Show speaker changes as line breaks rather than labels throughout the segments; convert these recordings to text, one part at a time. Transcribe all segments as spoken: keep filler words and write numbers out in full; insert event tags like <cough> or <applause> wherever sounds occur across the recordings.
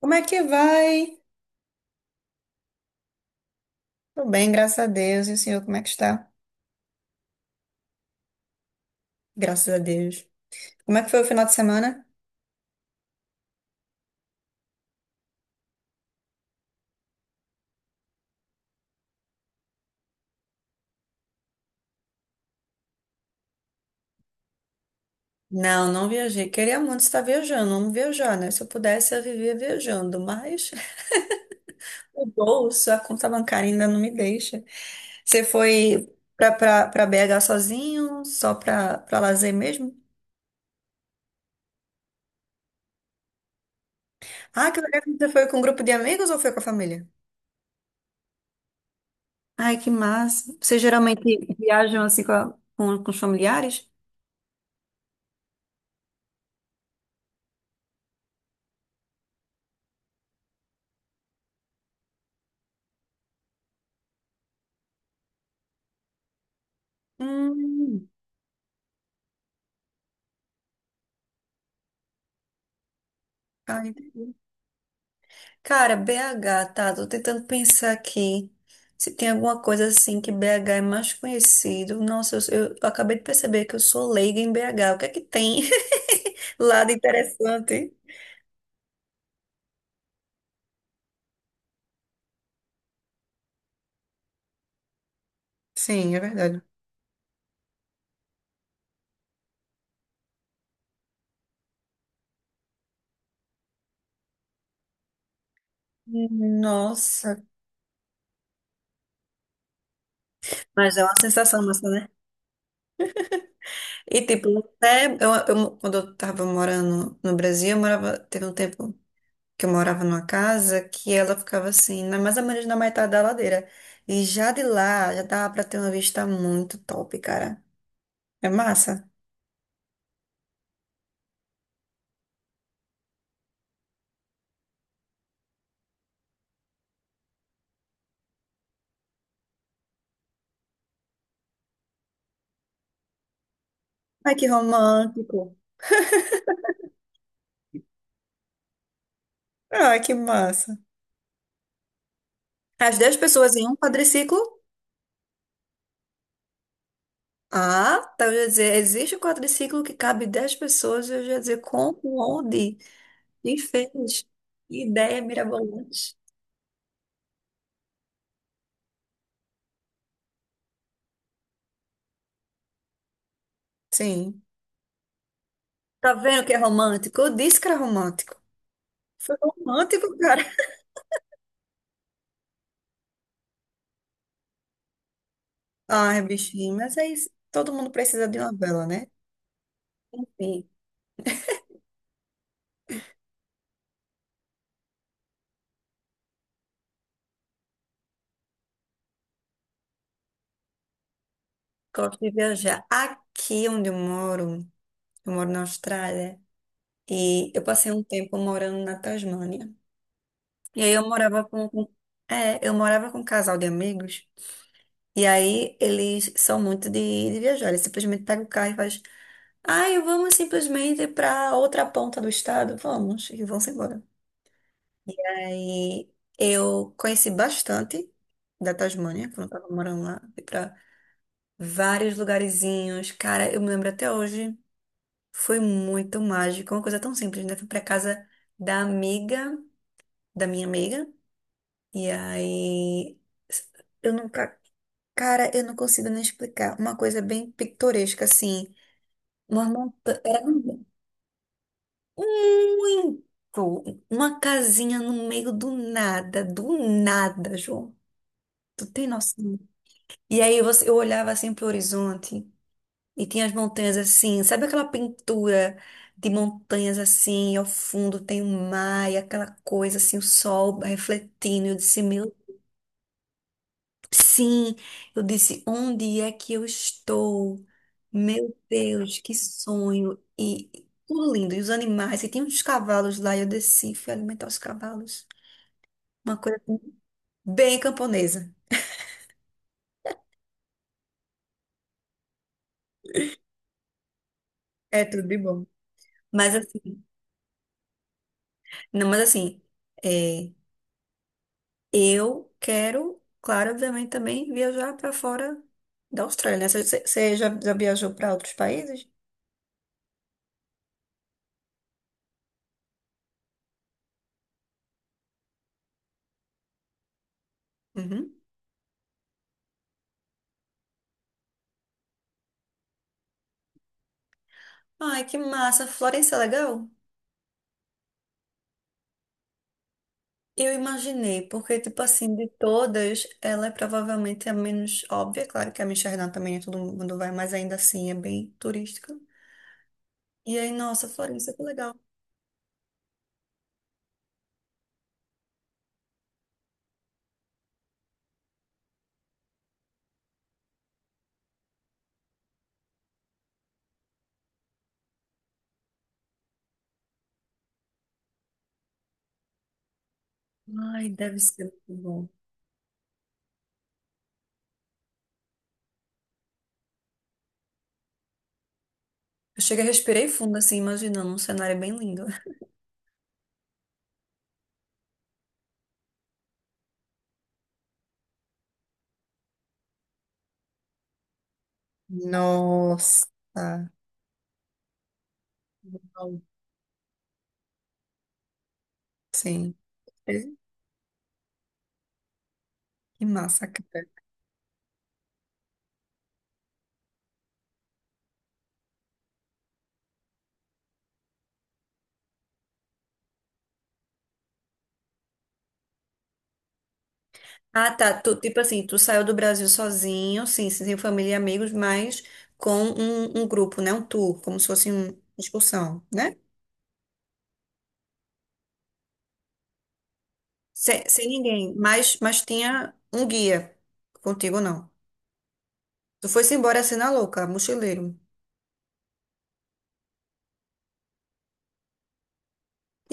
Como é que vai? Tô bem, graças a Deus. E o senhor, como é que está? Graças a Deus. Como é que foi o final de semana? Não, não viajei. Queria muito estar viajando, vamos viajar, né? Se eu pudesse, eu vivia viajando, mas <laughs> o bolso, a conta bancária ainda não me deixa. Você foi pra, pra, pra B H sozinho, só pra, pra lazer mesmo? Ah, que legal. Você foi com um grupo de amigos ou foi com a família? Ai, que massa. Vocês geralmente viajam assim com, a- com, com os familiares? Hum, ai, cara, B H, tá? Tô tentando pensar aqui se tem alguma coisa assim que B H é mais conhecido. Nossa, eu, eu acabei de perceber que eu sou leiga em B H. O que é que tem <laughs> lá de interessante? Sim, é verdade. Nossa, mas é uma sensação massa, né? E tipo, até eu, eu- quando eu tava morando no Brasil, eu morava, teve um tempo que eu morava numa casa que ela ficava assim, na- mais ou menos na metade da ladeira. E já de lá, já dava pra ter uma vista muito top, cara. É massa? Ai, que romântico. Ai, que massa. As dez pessoas em um quadriciclo? Ah, tá, eu ia dizer, existe um quadriciclo que cabe dez pessoas, eu ia dizer, como, onde, quem fez? Que ideia mirabolante. Sim. Tá vendo que é romântico? Eu disse que era romântico. Foi romântico, cara. Ai, bichinho, mas é isso. Todo mundo precisa de uma vela, né? Sim, gosto de viajar. Aqui onde eu moro, eu moro na Austrália, e eu passei um tempo morando na Tasmânia. E aí eu morava com, com- é, eu morava com um casal de amigos, e aí eles são muito de, de viajar, eles simplesmente pegam o carro e faz, ai, vamos simplesmente para outra ponta do estado, vamos, e vão-se embora. Aí eu conheci bastante da Tasmânia, quando eu tava morando lá, fui pra vários lugarzinhos, cara, eu me lembro até hoje, foi muito mágico, uma coisa tão simples, né? Fui pra casa da amiga, da minha amiga, e aí... Eu nunca cara, eu não consigo nem explicar. Uma coisa bem pitoresca, assim. Uma montanha. Era um- muito. Uma casinha no meio do nada, do nada, João. Tu tem noção? E aí você, eu olhava assim pro horizonte e tinha as montanhas assim. Sabe aquela pintura de montanhas assim? E ao fundo tem o mar e aquela coisa assim, o sol refletindo. Eu disse, meu sim, eu disse, onde é que eu estou? Meu Deus, que sonho! E e tudo lindo, e os animais, e tinha uns cavalos lá, e eu desci, fui alimentar os cavalos. Uma coisa assim, bem camponesa. É tudo de bom. Mas assim, não, mas assim, é, eu quero, claro, obviamente também viajar para fora da Austrália, né? Você você já, já viajou para outros países? Uhum. Ai, que massa! Florença é legal? Eu imaginei, porque, tipo assim, de todas, ela é provavelmente a menos óbvia. Claro que a Amsterdã também é todo mundo vai, mas ainda assim é bem turística. E aí, nossa, Florença, que legal. Ai, deve ser muito bom. Eu cheguei, respirei fundo, assim, imaginando. Um cenário bem lindo. Nossa, uau. Sim. Que massa, cara. Ah, tá. Tu, tipo assim, tu saiu do Brasil sozinho, sim, sem família e amigos, mas com um, um grupo, né? Um tour, como se fosse um- uma excursão, né? Sem, sem ninguém, mas, mas tinha um guia. Contigo não. Tu foi-se embora assim na louca, mochileiro.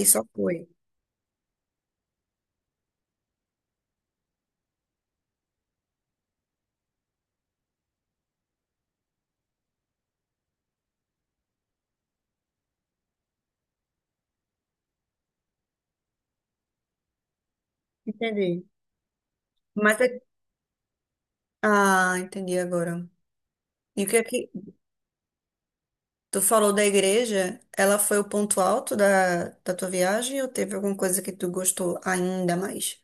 E só foi. Entendi. Mas é... Ah, entendi agora. E o que é que tu falou da igreja? Ela foi o ponto alto da, da tua viagem ou teve alguma coisa que tu gostou ainda mais?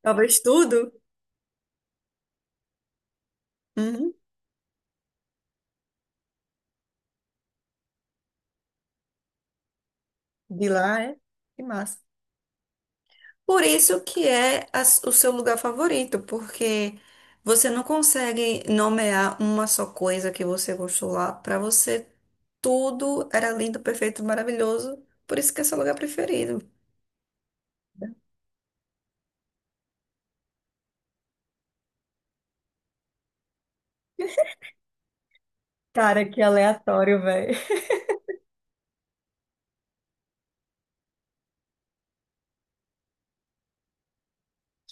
Talvez tudo. Uhum. De lá, é? Que massa. Por isso que é as- o seu lugar favorito, porque você não consegue nomear uma só coisa que você gostou lá. Para você, tudo era lindo, perfeito, maravilhoso. Por isso que é seu lugar preferido. Cara, que aleatório, velho.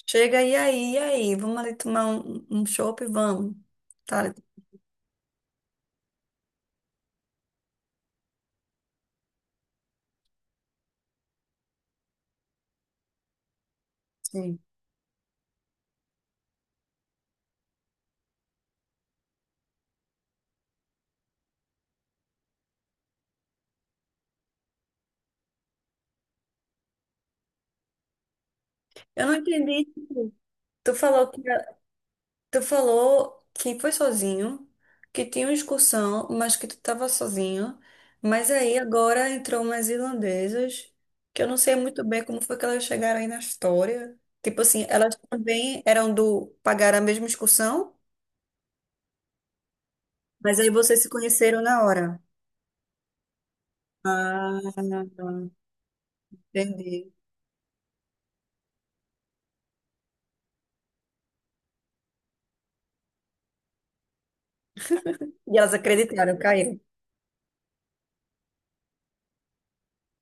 Chega e aí, e aí, vamos ali tomar um, um chopp, vamos. Tá? Sim. Eu não entendi. Tu falou que tu falou que foi sozinho, que tinha uma excursão, mas que tu estava sozinho. Mas aí agora entrou umas irlandesas, que eu não sei muito bem como foi que elas chegaram aí na história. Tipo assim, elas também eram do pagar a mesma excursão, mas aí vocês se conheceram na hora. Ah, entendi. E elas acreditaram, caiu.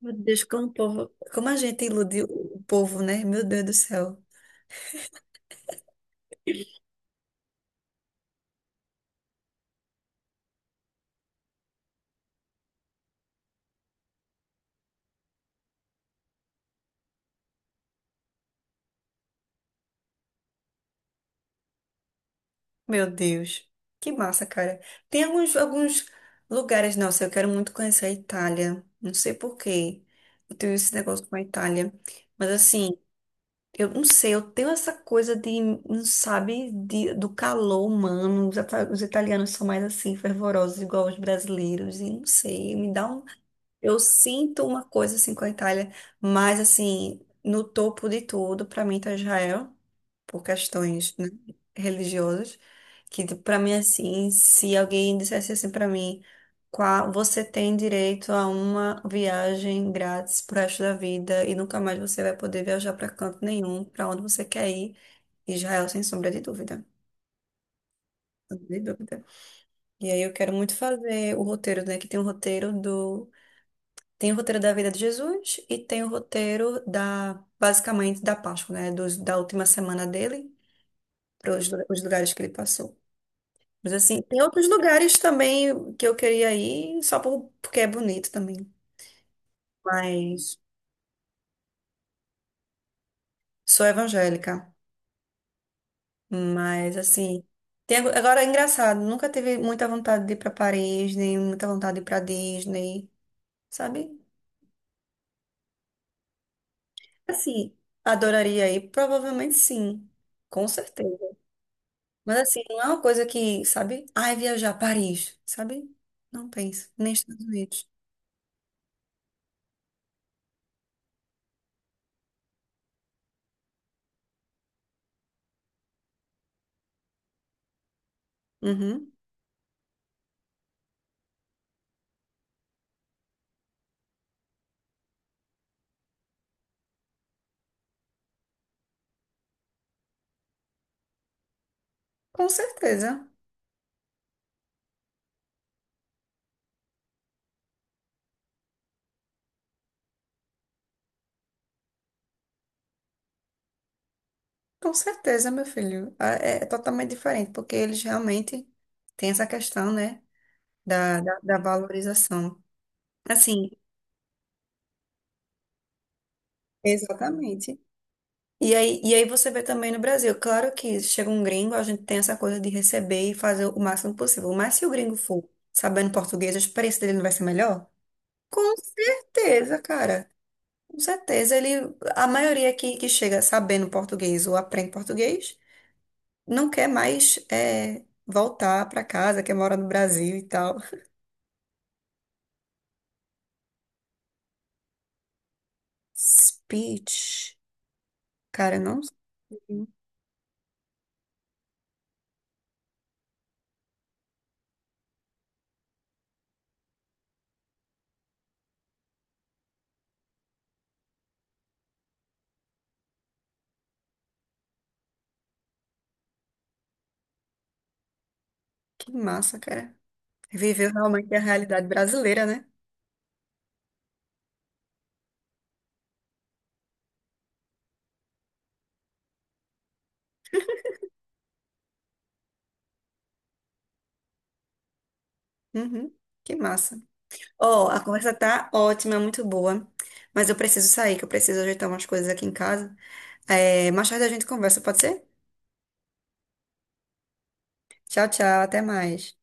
Meu Deus, como o povo, como a gente iludiu o povo, né? Meu Deus do céu. Meu Deus, que massa, cara. Tem alguns, alguns lugares, nossa, eu quero muito conhecer a Itália. Não sei por quê. Eu tenho esse negócio com a Itália. Mas assim, eu não sei, eu tenho essa coisa de, não sabe, de, do calor humano. Os, ita- os italianos são mais assim, fervorosos, igual os brasileiros. E não sei, me dá um. Eu sinto uma coisa assim com a Itália, mas assim, no topo de tudo, pra mim tá Israel por questões, né, religiosas, que para mim assim, se alguém dissesse assim para mim, qual você tem direito a uma viagem grátis pro resto da vida e nunca mais você vai poder viajar para canto nenhum, para onde você quer ir, Israel sem sombra de dúvida. De dúvida. E aí eu quero muito fazer o roteiro, né? Que tem o roteiro do. Tem o roteiro da vida de Jesus e tem o roteiro da, basicamente, da Páscoa, né? Dos, da última semana dele, para os lugares que ele passou. Mas assim, tem outros lugares também que eu queria ir, só por- porque é bonito também. Mas sou evangélica. Mas assim, tem, ag- agora é engraçado, nunca tive muita vontade de ir para Paris, nem muita vontade de ir para Disney, sabe? Assim, adoraria ir, provavelmente sim, com certeza. Mas assim, não é uma coisa que, sabe? Ai, viajar a Paris, sabe? Não penso, nem Estados Unidos. Uhum, com certeza. Com certeza, meu filho. Ah, é é totalmente diferente, porque eles realmente têm essa questão, né, da, da, da valorização. Assim, exatamente. E aí, e aí você vê também no Brasil, claro que chega um gringo, a gente tem essa coisa de receber e fazer o máximo possível. Mas se o gringo for sabendo português, a experiência dele não vai ser melhor? Com certeza, cara. Com certeza, ele, a maioria que, que chega sabendo português ou aprende português. Não quer mais é, voltar para casa, quer morar no Brasil e tal. Speech. Cara, não sei. Que massa, cara. Viveu realmente a realidade brasileira, né? Uhum. Que massa. Ó, a conversa tá ótima, muito boa. Mas eu preciso sair, que eu preciso ajeitar umas coisas aqui em casa. É, mais tarde a gente conversa, pode ser? Tchau, tchau, até mais.